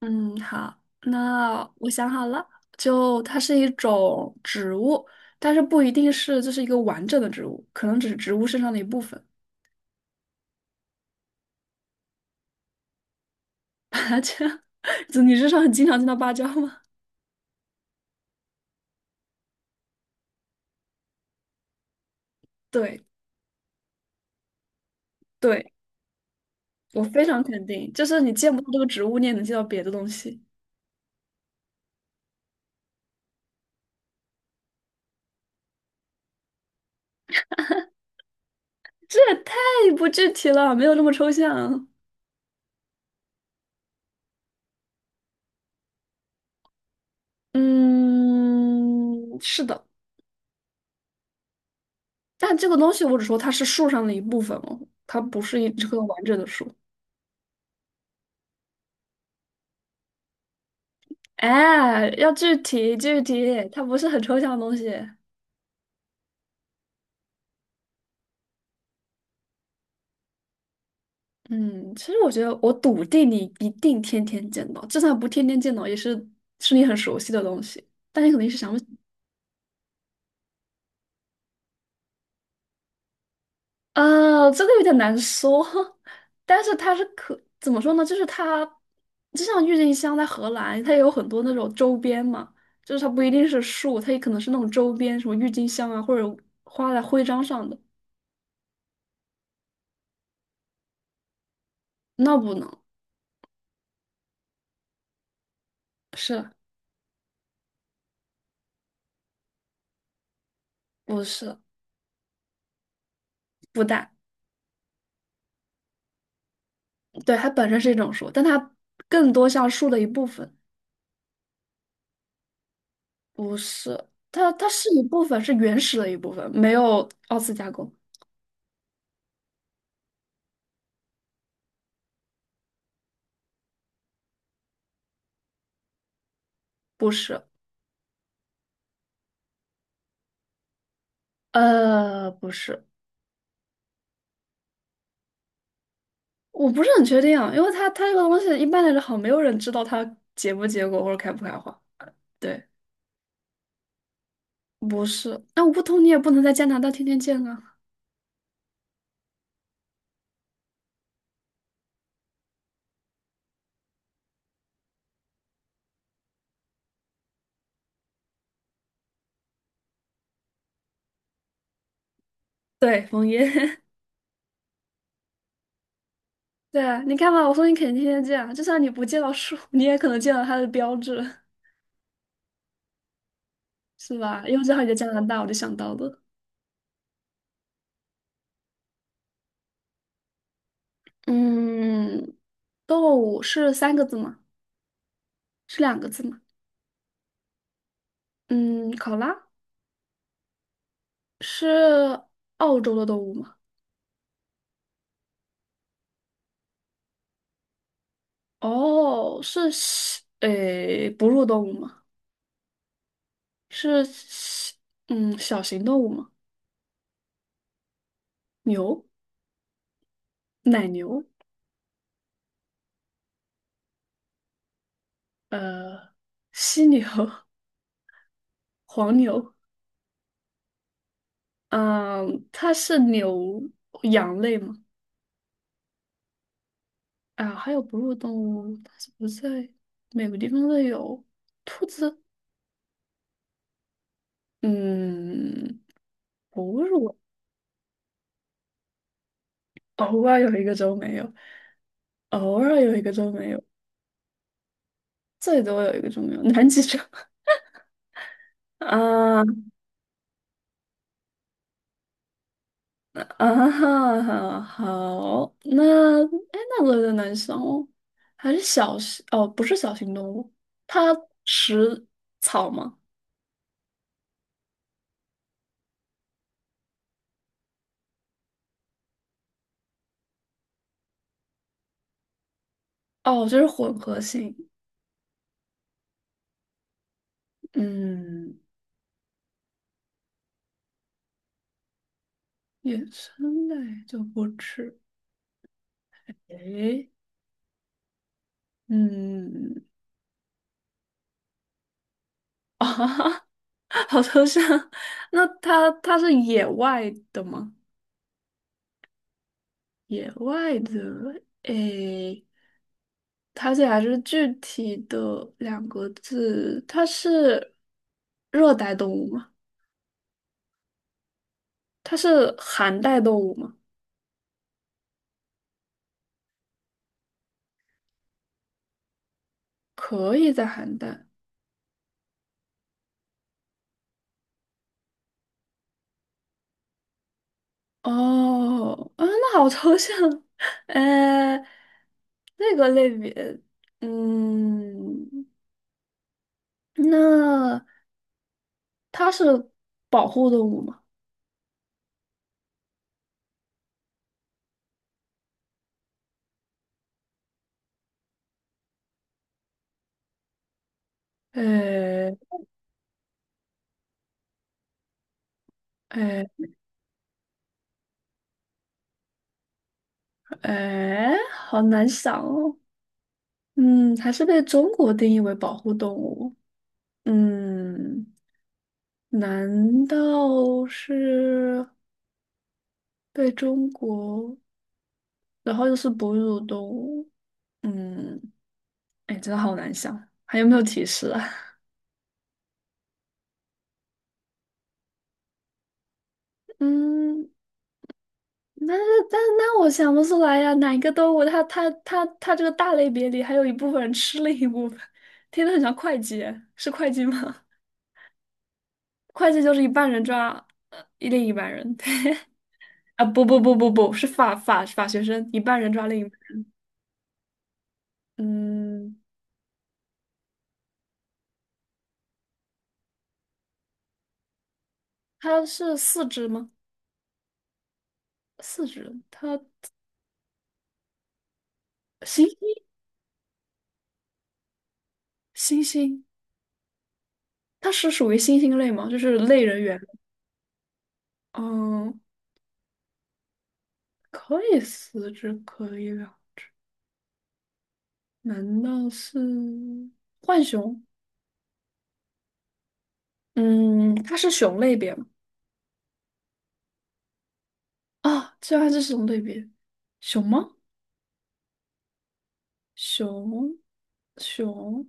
嗯，好，那我想好了，就它是一种植物，但是不一定是就是一个完整的植物，可能只是植物身上的一部分。就你身上很经常见到芭蕉吗？对，对，我非常肯定，就是你见不到这个植物，你也能见到别的东西。这也太不具体了，没有这么抽象。嗯，是的，但这个东西我只说它是树上的一部分哦，它不是一棵完整的树。哎，要具体具体，它不是很抽象的东西。嗯，其实我觉得我笃定你一定天天见到，就算不天天见到，也是你很熟悉的东西，但你肯定是想不起。这个有点难说，但是它是可怎么说呢？就是它就像郁金香在荷兰，它也有很多那种周边嘛，就是它不一定是树，它也可能是那种周边，什么郁金香啊，或者画在徽章上的。那不能，是不是不带。对，它本身是一种树，但它更多像树的一部分，不是，它是一部分，是原始的一部分，没有二次加工，不是，不是，我不是很确定啊，因为它这个东西一般来说好像没有人知道它结不结果或者开不开花，对，不是，那我不通你也不能在加拿大天天见啊，对，枫叶，对啊，你看吧，我说你肯定天天见，啊，就算你不见到树，你也可能见到它的标志，是吧？因为正好你在加拿大，我就想到了。嗯，动物是三个字吗？是两个字吗？嗯，考拉是澳洲的动物吗？哦，是小，诶，哺乳动物吗？是小小型动物吗？牛，奶牛，呃，犀牛，黄牛，嗯，它是牛羊类吗？啊，还有哺乳动物，它是不是在每个地方都有。兔子，嗯，哺乳，偶尔有一个州没有。偶尔有一个周没有，最多有一个就没有，南极洲 啊啊哈哈，好，那哎，那轮轮南生哦，还是小型哦，不是小型动物，它食草吗？哦，就是混合性，嗯，野生类就不吃，诶，嗯，啊哈好抽象，那它是野外的吗？野外的，诶。它这还是具体的两个字，它是热带动物吗？它是寒带动物吗？可以在寒带。哦，啊，那好抽象。呃，那个类别，嗯，那它是保护动物吗？呃，呃，好难想哦。嗯，还是被中国定义为保护动物。嗯。难道是被中国，然后又是哺乳动物？嗯，哎，真的好难想，还有没有提示啊？嗯，那我想不出来呀、哪一个动物它这个大类别里还有一部分人吃另一部分，听着很像会计，是会计吗？会计就是一半人抓另一半人 啊，不不不不不是法学生，一半人抓另一半。嗯，它是四肢吗？四肢，它星星，星星，它是属于星星类吗？就是类人猿。嗯，可以四肢可以了，难道是浣熊？嗯，它是熊类别吗？啊，这还是熊类别，熊吗？熊，熊，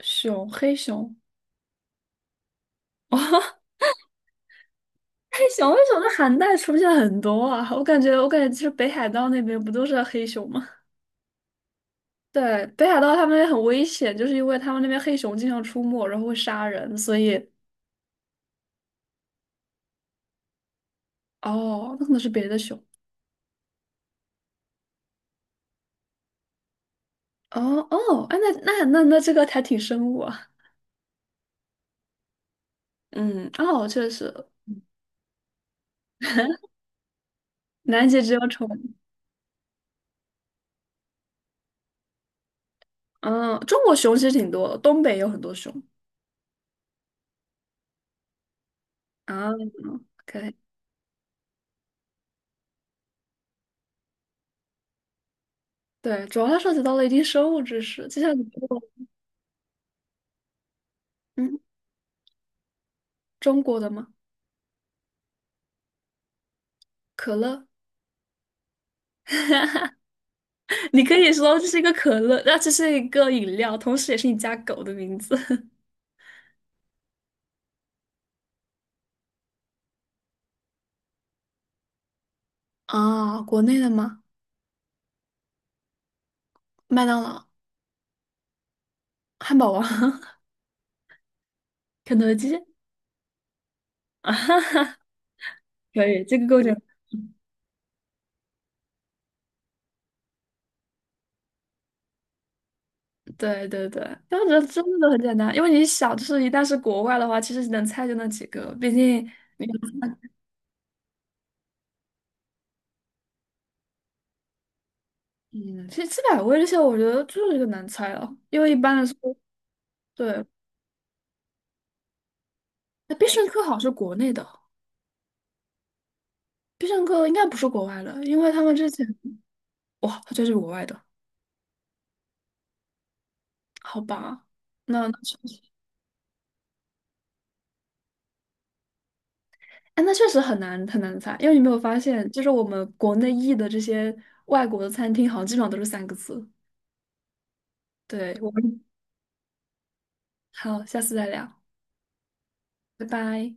熊，黑熊。哦黑熊，黑熊在寒带出现很多啊，我感觉，就是北海道那边不都是黑熊吗？对，北海道他们很危险，就是因为他们那边黑熊经常出没，然后会杀人，所以哦，那可能是别的熊。哦哦，哎，那这个还挺生物啊。嗯，哦，确实，南极只有宠物。嗯，中国熊其实挺多的东北也有很多熊啊，OK。可以对，主要它涉及到了一定生物知识，就像你说，嗯，中国的吗？可乐，你可以说这是一个可乐，那这是一个饮料，同时也是你家狗的名字。啊，国内的吗？麦当劳。汉堡王、肯德基啊，可以，这个够简单。对对对，但我觉得真的都很简单，因为你想，就是一旦是国外的话，其实能猜就那几个，毕竟，嗯，其实七百味这些，我觉得就是个难猜了，因为一般来说，对，那必胜客好像是国内的，必胜客应该不是国外的，因为他们之前，哇，它就是国外的，好吧？那确实，哎，那确实很难很难猜，因为你没有发现，就是我们国内译的这些外国的餐厅，好像基本上都是三个字。对，我们。好，下次再聊，拜拜。